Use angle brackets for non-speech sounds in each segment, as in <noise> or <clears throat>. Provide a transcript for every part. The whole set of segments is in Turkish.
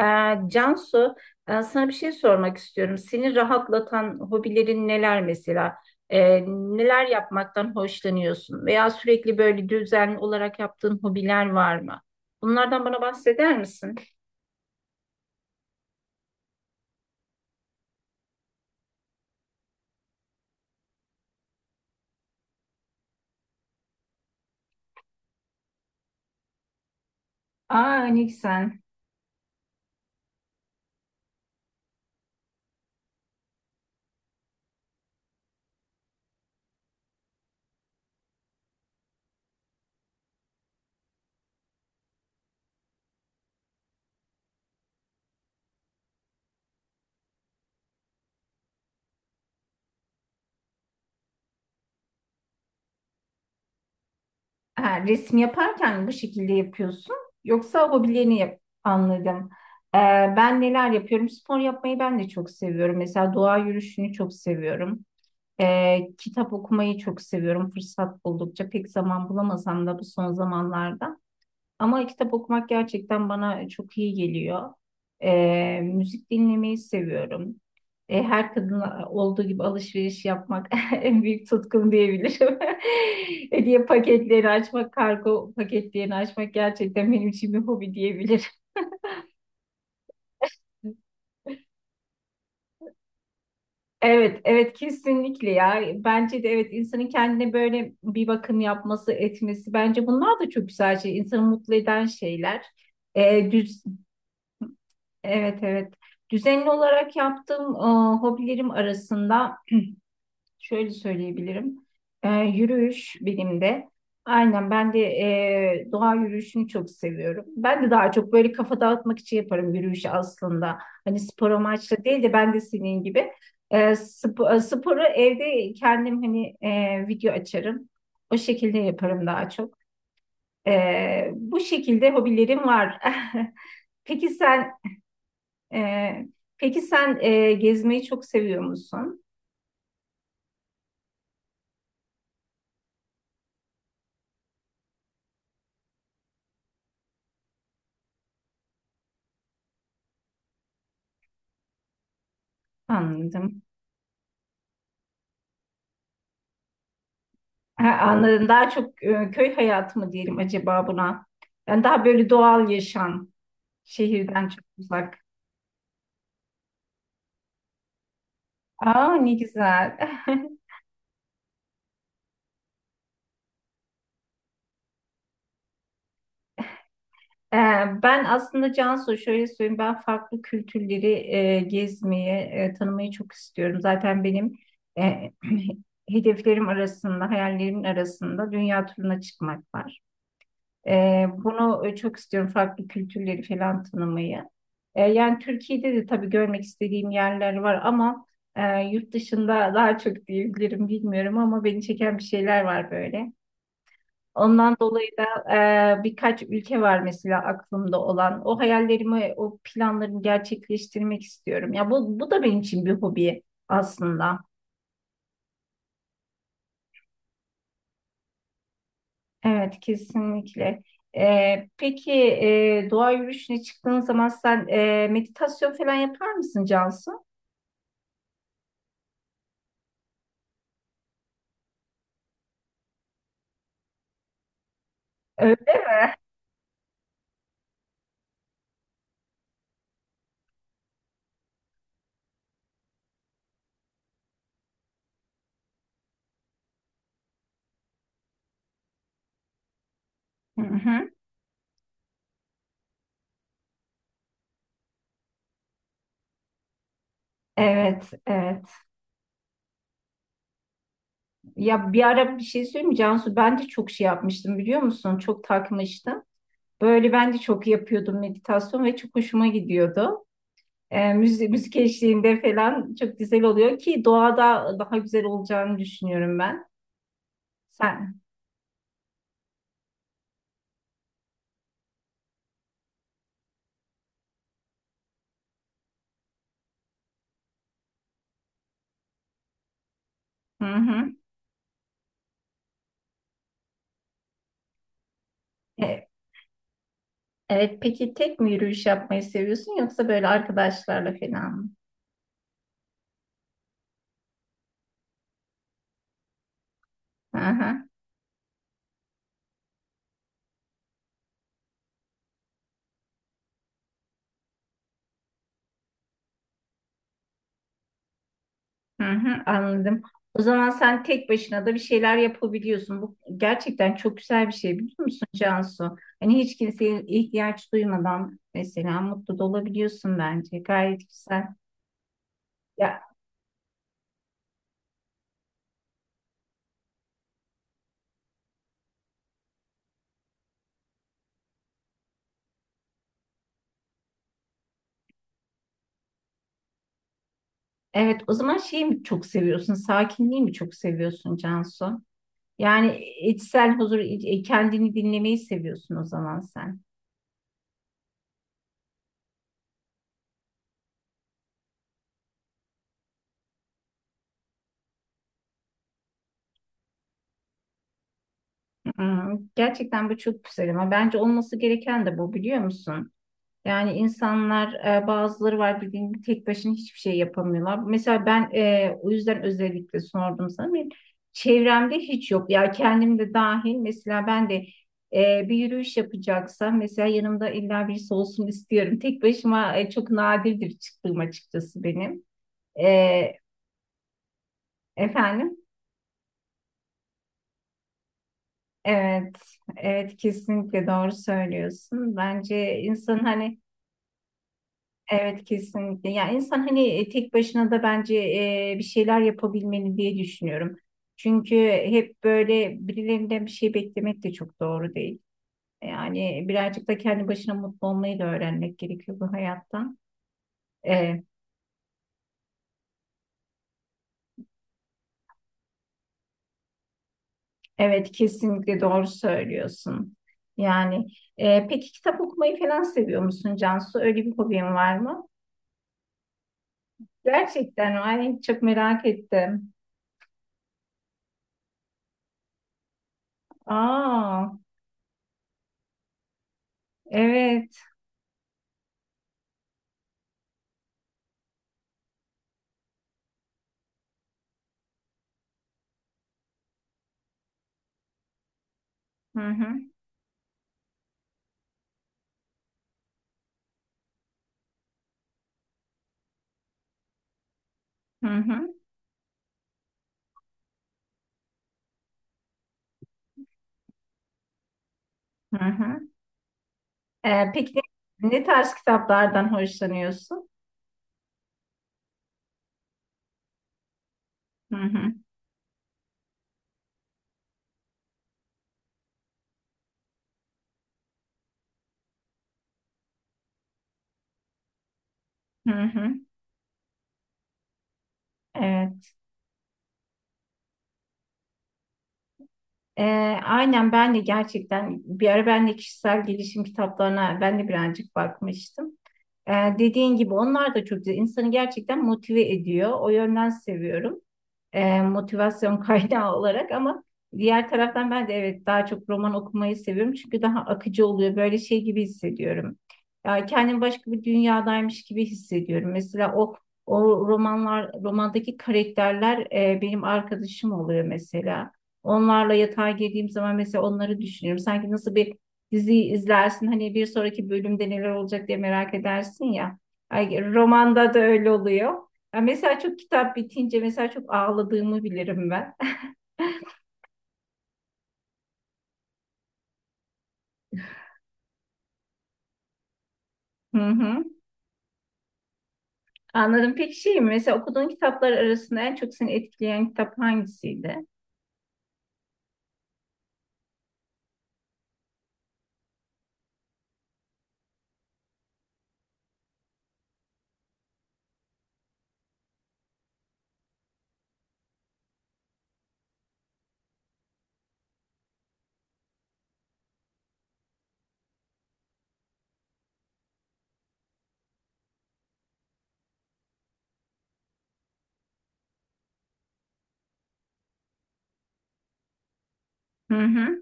Ee, Cansu, sana bir şey sormak istiyorum. Seni rahatlatan hobilerin neler mesela? Neler yapmaktan hoşlanıyorsun? Veya sürekli böyle düzenli olarak yaptığın hobiler var mı? Bunlardan bana bahseder misin? Aa ne güzel. Ha, resim yaparken bu şekilde yapıyorsun. Yoksa hobilerini yap anladım. Ee, ben neler yapıyorum? Spor yapmayı ben de çok seviyorum. Mesela doğa yürüyüşünü çok seviyorum. Kitap okumayı çok seviyorum fırsat buldukça. Pek zaman bulamasam da bu son zamanlarda. Ama kitap okumak gerçekten bana çok iyi geliyor. Müzik dinlemeyi seviyorum. Her kadın olduğu gibi alışveriş yapmak <laughs> en büyük tutkum diyebilirim. <laughs> Hediye paketleri açmak, kargo paketlerini açmak gerçekten benim için bir hobi diyebilirim. Evet, evet, kesinlikle ya. Bence de evet, insanın kendine böyle bir bakım yapması, etmesi bence bunlar da çok güzel şey. İnsanı mutlu eden şeyler. Ee, düz, evet, evet. Düzenli olarak yaptığım hobilerim arasında şöyle söyleyebilirim. Yürüyüş benim de. Aynen ben de doğa yürüyüşünü çok seviyorum. Ben de daha çok böyle kafa dağıtmak için yaparım yürüyüşü aslında. Hani spor amaçlı değil de ben de senin gibi. Sporu evde kendim hani video açarım. O şekilde yaparım daha çok. Bu şekilde hobilerim var. <laughs> Peki sen e, peki sen gezmeyi çok seviyor musun? Anladım. Ha, anladım. Daha çok köy hayatı mı diyelim acaba buna? Yani daha böyle doğal yaşam şehirden çok uzak. Aa ne güzel. <laughs> Ee, ben aslında Cansu şöyle söyleyeyim, ben farklı kültürleri gezmeyi, tanımayı çok istiyorum. Zaten benim e, <clears throat> hedeflerim arasında, hayallerimin arasında dünya turuna çıkmak var. Bunu çok istiyorum, farklı kültürleri falan tanımayı. Yani Türkiye'de de tabii görmek istediğim yerler var ama yurt dışında daha çok diyebilirim, bilmiyorum ama beni çeken bir şeyler var böyle. Ondan dolayı da birkaç ülke var mesela aklımda olan. O hayallerimi, o planlarımı gerçekleştirmek istiyorum. Ya bu da benim için bir hobi aslında. Evet, kesinlikle. Peki doğa yürüyüşüne çıktığın zaman sen meditasyon falan yapar mısın Cansu? Öyle- Hı hı. Evet, evet. Ya bir ara bir şey söyleyeyim mi Cansu? Ben de çok şey yapmıştım biliyor musun? Çok takmıştım. Böyle ben de çok yapıyordum meditasyon ve çok hoşuma gidiyordu. Müzik eşliğinde falan çok güzel oluyor ki doğada daha güzel olacağını düşünüyorum ben. Sen. Hı hı. E, evet, peki tek mi yürüyüş yapmayı seviyorsun yoksa böyle arkadaşlarla falan mı? Hı hı. Hı hı, anladım. O zaman sen tek başına da bir şeyler yapabiliyorsun. Bu gerçekten çok güzel bir şey biliyor musun Cansu? Hani hiç kimseye ihtiyaç duymadan mesela mutlu da olabiliyorsun bence. Gayet güzel. Ya evet, o zaman şeyi mi çok seviyorsun? Sakinliği mi çok seviyorsun Cansu? Yani içsel huzur, kendini dinlemeyi seviyorsun o zaman sen. Hmm, gerçekten bu çok güzel ama bence olması gereken de bu biliyor musun? Yani insanlar bazıları var bildiğin gibi tek başına hiçbir şey yapamıyorlar. Mesela ben o yüzden özellikle sordum sana. Benim çevremde hiç yok. Ya kendim de dahil, mesela ben de bir yürüyüş yapacaksam mesela yanımda illa birisi olsun istiyorum. Tek başıma çok nadirdir çıktığım açıkçası benim. E, efendim? Evet, evet kesinlikle doğru söylüyorsun. Bence insan hani evet kesinlikle. Yani insan hani tek başına da bence bir şeyler yapabilmeli diye düşünüyorum. Çünkü hep böyle birilerinden bir şey beklemek de çok doğru değil. Yani birazcık da kendi başına mutlu olmayı da öğrenmek gerekiyor bu hayattan. E, evet kesinlikle doğru söylüyorsun. Yani peki kitap okumayı falan seviyor musun Cansu? Öyle bir hobin var mı? Gerçekten ay çok merak ettim. Aa evet. Hı hı. Hı hı. Hı hı. Peki ne tarz kitaplardan hoşlanıyorsun? Hı hı, hı hı, evet. Ee, aynen ben de gerçekten bir ara ben de kişisel gelişim kitaplarına ben de birazcık bakmıştım. Dediğin gibi onlar da çok güzel. İnsanı gerçekten motive ediyor. O yönden seviyorum. Motivasyon <laughs> kaynağı olarak ama diğer taraftan ben de evet daha çok roman okumayı seviyorum çünkü daha akıcı oluyor. Böyle şey gibi hissediyorum. Yani kendimi başka bir dünyadaymış gibi hissediyorum. Mesela o romanlar, romandaki karakterler benim arkadaşım oluyor mesela. Onlarla yatağa girdiğim zaman mesela onları düşünüyorum. Sanki nasıl bir dizi izlersin hani bir sonraki bölümde neler olacak diye merak edersin ya. Ay, romanda da öyle oluyor. Ya mesela çok kitap bitince mesela çok ağladığımı bilirim ben. <laughs> Hı hı. Anladım. Peki şey mi? Mesela okuduğun kitaplar arasında en çok seni etkileyen kitap hangisiydi? Hı hı.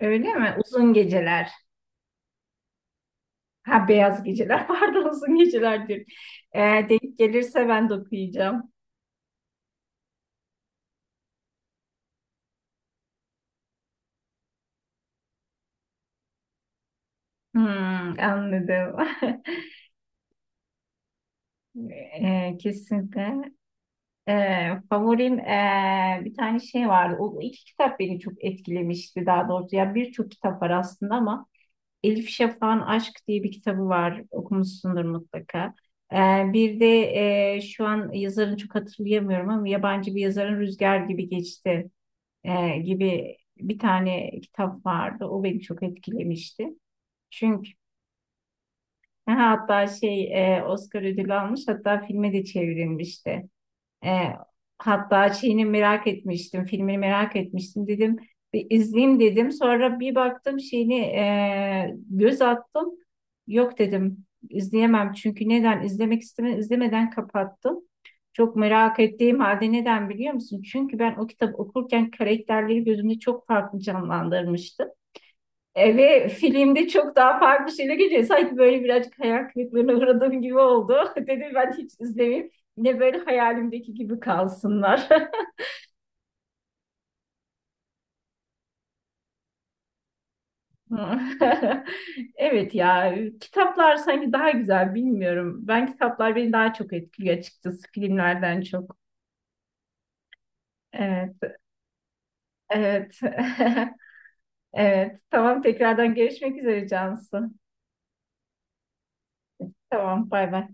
Öyle mi? Uzun Geceler. Ha, Beyaz Geceler. <laughs> Pardon, Uzun Geceler diyorum. Eğer denk gelirse ben de okuyacağım. Hmm, anladım. <laughs> Kesinlikle. Favorim bir tane şey vardı. O iki kitap beni çok etkilemişti daha doğrusu. Ya birçok kitap var aslında ama Elif Şafak'ın Aşk diye bir kitabı var. Okumuşsundur mutlaka. Ee, bir de şu an yazarını çok hatırlayamıyorum ama yabancı bir yazarın Rüzgar Gibi Geçti gibi bir tane kitap vardı. O beni çok etkilemişti. Çünkü ha, hatta şey Oscar ödülü almış, hatta filme de çevrilmişti. E, hatta şeyini merak etmiştim, filmini merak etmiştim dedim. Bir izleyeyim dedim. Sonra bir baktım şeyini göz attım. Yok dedim izleyemem çünkü neden izlemek isteme, izlemeden kapattım. Çok merak ettiğim halde neden biliyor musun? Çünkü ben o kitabı okurken karakterleri gözümde çok farklı canlandırmıştım. Ve filmde çok daha farklı şeyler geliyor. Sanki böyle birazcık hayal kırıklığına uğradığım gibi oldu. <laughs> Dedim ben hiç izlemeyeyim. Yine böyle hayalimdeki gibi kalsınlar. <laughs> Evet ya, kitaplar sanki daha güzel, bilmiyorum. Ben kitaplar beni daha çok etkiliyor açıkçası, filmlerden çok. Evet, evet. <laughs> Evet. Tamam, tekrardan görüşmek üzere Cansu. Tamam, bay bay.